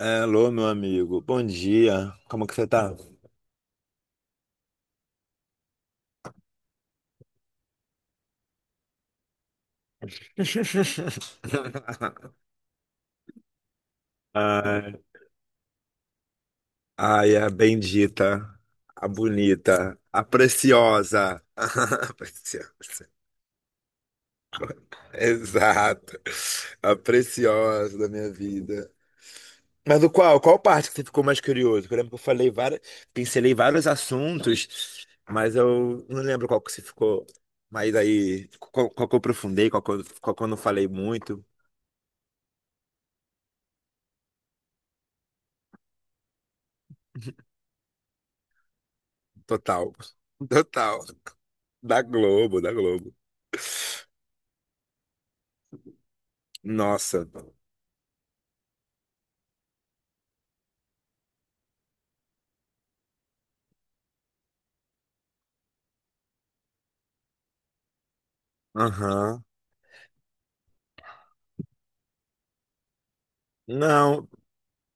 Alô, meu amigo. Bom dia. Como que você tá? Ai, ai, a bendita, a bonita, a preciosa. A preciosa. Exato. A preciosa da minha vida. Mas o qual? Qual parte que você ficou mais curioso? Eu lembro que eu falei várias, pincelei vários assuntos, mas eu não lembro qual que você ficou. Mas aí, qual que eu aprofundei, qual que eu não falei muito. Total. Total. Da Globo, da Globo. Nossa. Aham. Não,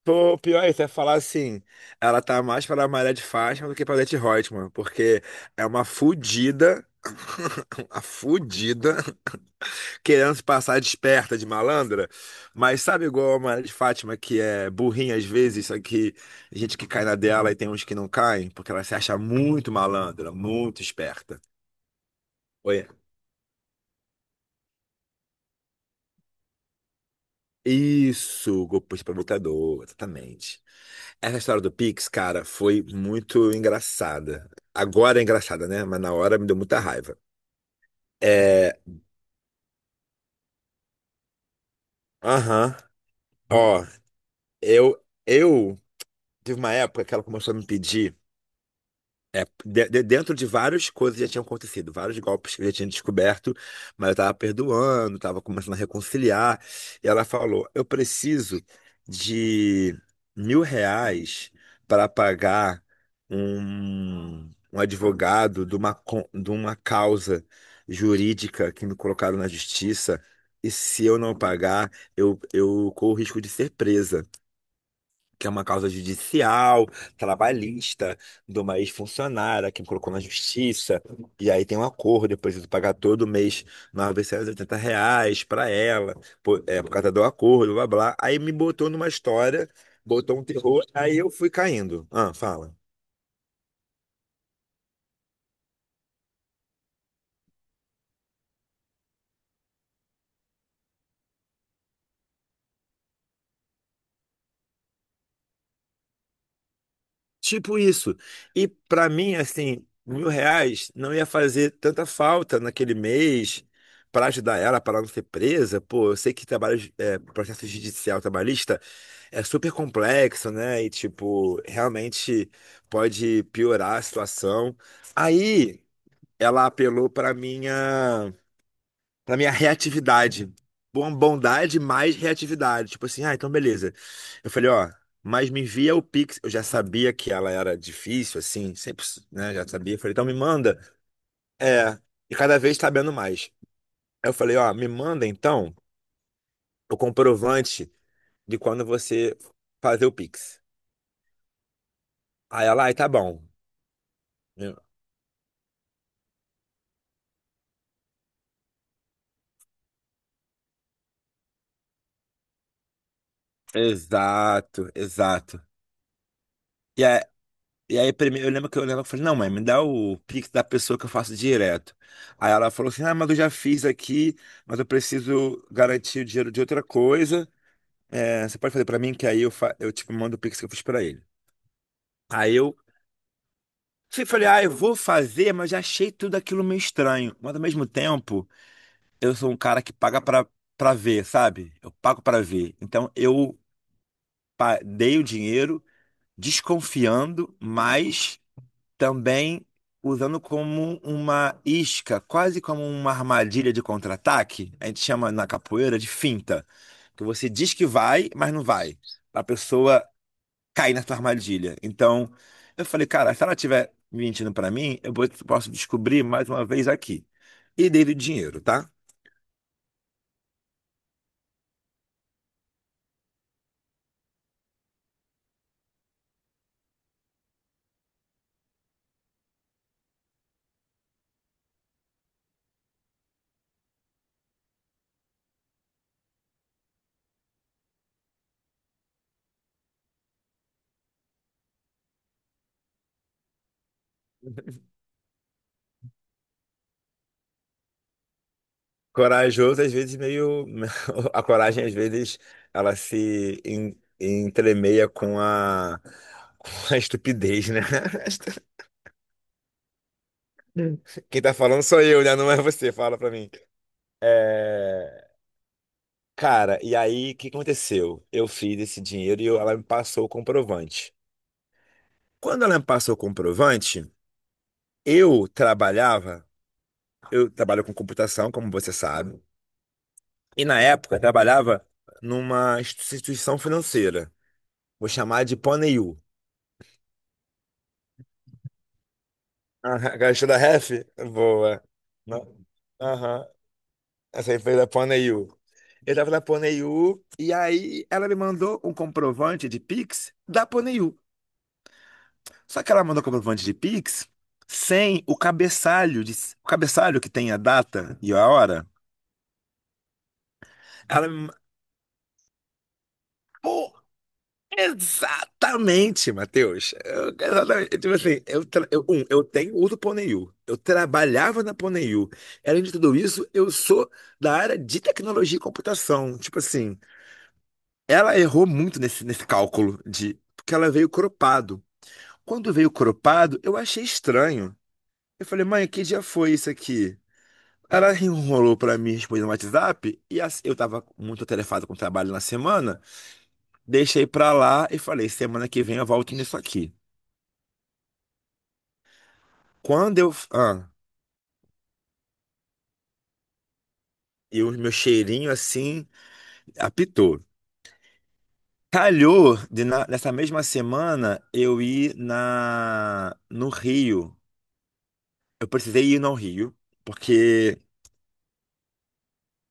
pô, pior é até falar assim, ela tá mais pra Maria de Fátima do que pra Leti Reutemann, porque é uma fudida, uma fudida, querendo se passar de esperta, de malandra, mas sabe igual a Maria de Fátima, que é burrinha às vezes, só que gente que cai na dela e tem uns que não caem, porque ela se acha muito malandra, muito esperta. Oi. Isso, golpista provocador, exatamente. Essa história do Pix, cara, foi muito engraçada. Agora é engraçada, né? Mas na hora me deu muita raiva. É, aham. Ó, eu tive uma época que ela começou a me pedir. Dentro de várias coisas que já tinham acontecido, vários golpes que eu já tinha descoberto, mas eu tava perdoando, tava começando a reconciliar. E ela falou: Eu preciso de R$ 1.000 para pagar um advogado de de uma causa jurídica que me colocaram na justiça. E se eu não pagar, eu corro o risco de ser presa, que é uma causa judicial, trabalhista, de uma ex-funcionária que me colocou na justiça. E aí tem um acordo, eu preciso pagar todo mês R$ 980 para ela, por causa do acordo, blá blá. Aí me botou numa história, botou um terror, aí eu fui caindo. Ah, fala. Tipo isso. E para mim, assim, R$ 1.000 não ia fazer tanta falta naquele mês para ajudar ela, para ela não ser presa. Pô, eu sei que processo judicial trabalhista é super complexo, né? E, tipo, realmente pode piorar a situação. Aí ela apelou para minha na minha reatividade. Bondade mais reatividade. Tipo assim, ah, então beleza. Eu falei, ó, mas me envia o Pix. Eu já sabia que ela era difícil, assim, sempre, né? Já sabia. Eu falei, então me manda. É, e cada vez sabendo mais. Aí eu falei, ó, me manda então o comprovante de quando você fazer o Pix. Aí ela, ai, tá bom. Eu, Exato, exato. E aí, primeiro, eu lembro que eu lembro, eu falei, não, mãe, me dá o Pix da pessoa que eu faço direto. Aí ela falou assim, ah, mas eu já fiz aqui, mas eu preciso garantir o dinheiro de outra coisa. É, você pode fazer pra mim, que aí eu tipo, mando o Pix que eu fiz pra ele. Aí falei, ah, eu vou fazer, mas já achei tudo aquilo meio estranho. Mas ao mesmo tempo, eu sou um cara que paga pra ver, sabe? Eu pago pra ver. Então eu dei o dinheiro desconfiando, mas. Também usando como uma isca, quase como uma armadilha de contra-ataque. A gente chama na capoeira de finta, que você diz que vai, mas não vai. A pessoa cai na sua armadilha. Então, eu falei, cara, se ela estiver mentindo pra mim, posso descobrir mais uma vez aqui. E dei o dinheiro, tá? Corajoso, às vezes, meio. A coragem, às vezes, ela se entremeia com a estupidez, né? Quem tá falando sou eu, né? Não é você, fala pra mim. É, cara, e aí, o que aconteceu? Eu fiz esse dinheiro e ela me passou o comprovante. Quando ela me passou o comprovante, eu trabalhava, eu trabalho com computação, como você sabe, e na época eu trabalhava numa instituição financeira, vou chamar de Poneiú. Aham, gostou da ref? Boa. Não. Essa aí foi da Poneiú. Eu tava na Poneiú e aí ela me mandou um comprovante de Pix da Poneiú. Só que ela mandou comprovante de Pix sem o cabeçalho, o cabeçalho que tem a data e a hora. Ela me Pô, exatamente, Matheus. Exatamente. Tipo assim, eu tenho uso do Poneiú. Eu trabalhava na Poneiú. Além de tudo isso, eu sou da área de tecnologia e computação. Tipo assim, ela errou muito nesse cálculo de porque ela veio cropado. Quando veio cropado, eu achei estranho. Eu falei, mãe, que dia foi isso aqui? Ela enrolou pra mim responder no WhatsApp e eu tava muito atarefado com o trabalho na semana. Deixei pra lá e falei, semana que vem eu volto nisso aqui. Quando eu. Ah, e o meu cheirinho assim apitou. Calhou de nessa mesma semana eu ir no Rio. Eu precisei ir no Rio, porque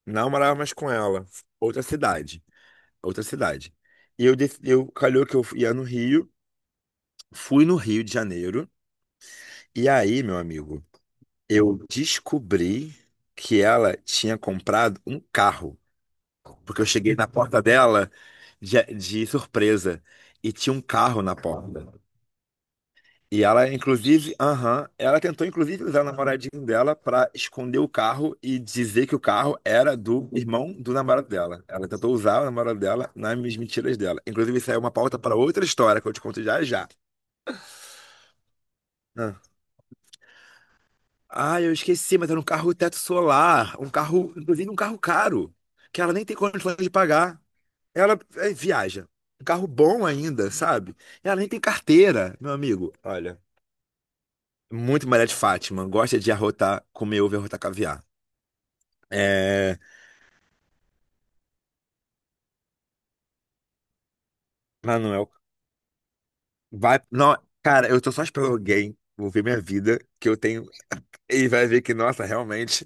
não morava mais com ela. Outra cidade. Outra cidade. E eu calhou que eu ia no Rio, fui no Rio de Janeiro. E aí, meu amigo, eu descobri que ela tinha comprado um carro. Porque eu cheguei na porta dela de surpresa. E tinha um carro na porta. E ela, inclusive, aham, ela tentou, inclusive, usar o namoradinho dela para esconder o carro e dizer que o carro era do irmão do namorado dela. Ela tentou usar o namorado dela nas mentiras dela. Inclusive, isso aí é uma pauta para outra história que eu te conto já já. Ah, Ah, eu esqueci, mas era um carro teto solar. Um carro, inclusive, um carro caro, que ela nem tem condições de pagar. Ela viaja. Um carro bom ainda, sabe? Ela nem tem carteira, meu amigo. Olha, muito Maria de Fátima. Gosta de arrotar, comer ovo e arrotar caviar. É, Manuel, vai. Não, cara, eu tô só esperando alguém. Vou ver minha vida, que eu tenho. E vai ver que, nossa, realmente,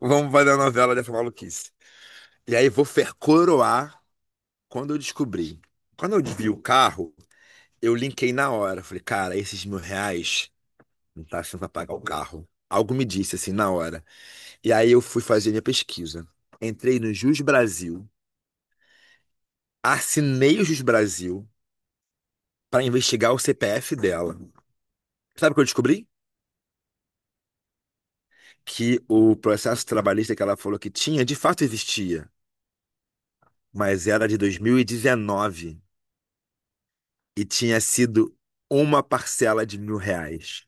vamos fazer a novela dessa maluquice. E aí vou fer coroar quando eu descobri. Quando eu vi o carro, eu linkei na hora. Falei, cara, esses R$ 1.000 não tá achando pra pagar o carro. Algo me disse assim na hora. E aí eu fui fazer minha pesquisa. Entrei no Jus Brasil, assinei o Jus Brasil pra investigar o CPF dela. Sabe o que eu descobri? Que o processo trabalhista que ela falou que tinha, de fato existia, mas era de 2019 e dezenove e tinha sido uma parcela de R$ 1.000.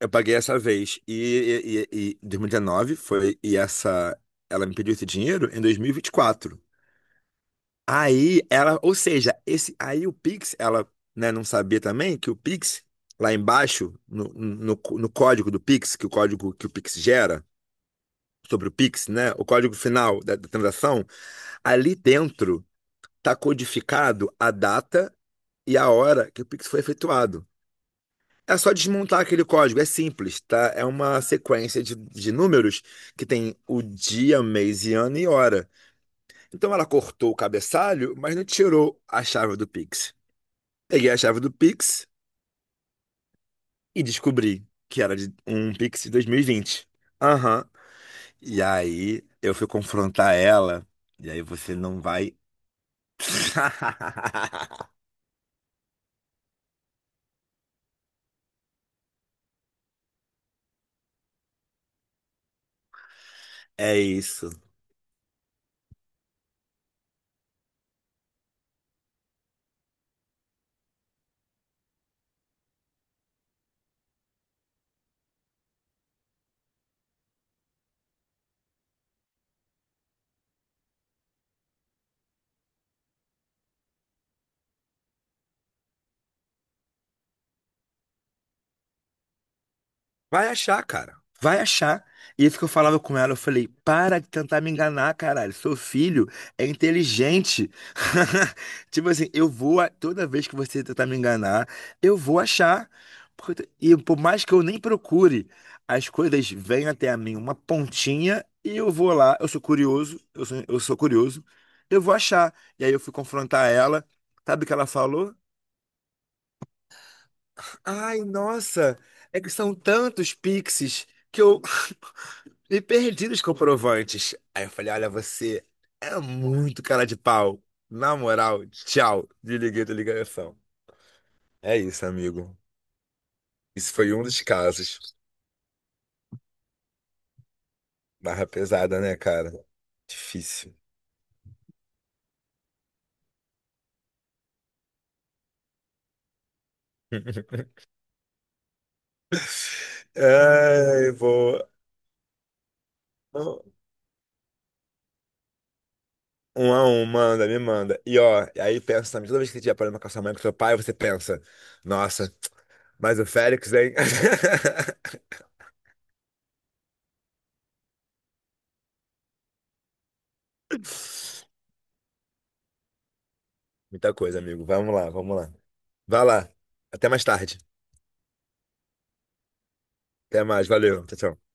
Eu paguei essa vez e 2019 foi, e essa, ela me pediu esse dinheiro em 2024. Aí ela, ou seja, esse, aí o Pix, ela, né, não sabia também que o Pix, lá embaixo, no código do Pix, que o código que o Pix gera, sobre o Pix, né? O código final da transação ali dentro está codificado a data e a hora que o Pix foi efetuado. É só desmontar aquele código, é simples, tá? É uma sequência de números que tem o dia, mês e ano e hora. Então ela cortou o cabeçalho, mas não tirou a chave do Pix. Peguei a chave do Pix e descobri que era de um Pix de 2020. Aham. E aí eu fui confrontar ela, e aí você não vai. É isso. Vai achar, cara. Vai achar. E isso que eu falava com ela, eu falei, para de tentar me enganar, caralho. Seu filho é inteligente. Tipo assim, toda vez que você tentar me enganar, eu vou achar. E por mais que eu nem procure, as coisas vêm até a mim, uma pontinha, e eu vou lá, eu sou curioso, eu sou curioso, eu vou achar. E aí eu fui confrontar ela. Sabe o que ela falou? Ai, nossa, é que são tantos pixies que eu E perdi os comprovantes. Aí eu falei, olha, você é muito cara de pau. Na moral, tchau. Desliguei da ligação. É isso, amigo. Isso foi um dos casos. Barra pesada, né, cara? Difícil. Ai, vou Um a um, manda, me manda. E ó, e aí pensa também, toda vez que você tiver problema com a sua mãe, com seu pai, você pensa, nossa, mas o Félix, hein? Muita coisa, amigo. Vamos lá, vamos lá. Vai lá. Até mais tarde. Até mais, valeu. Tchau, tchau.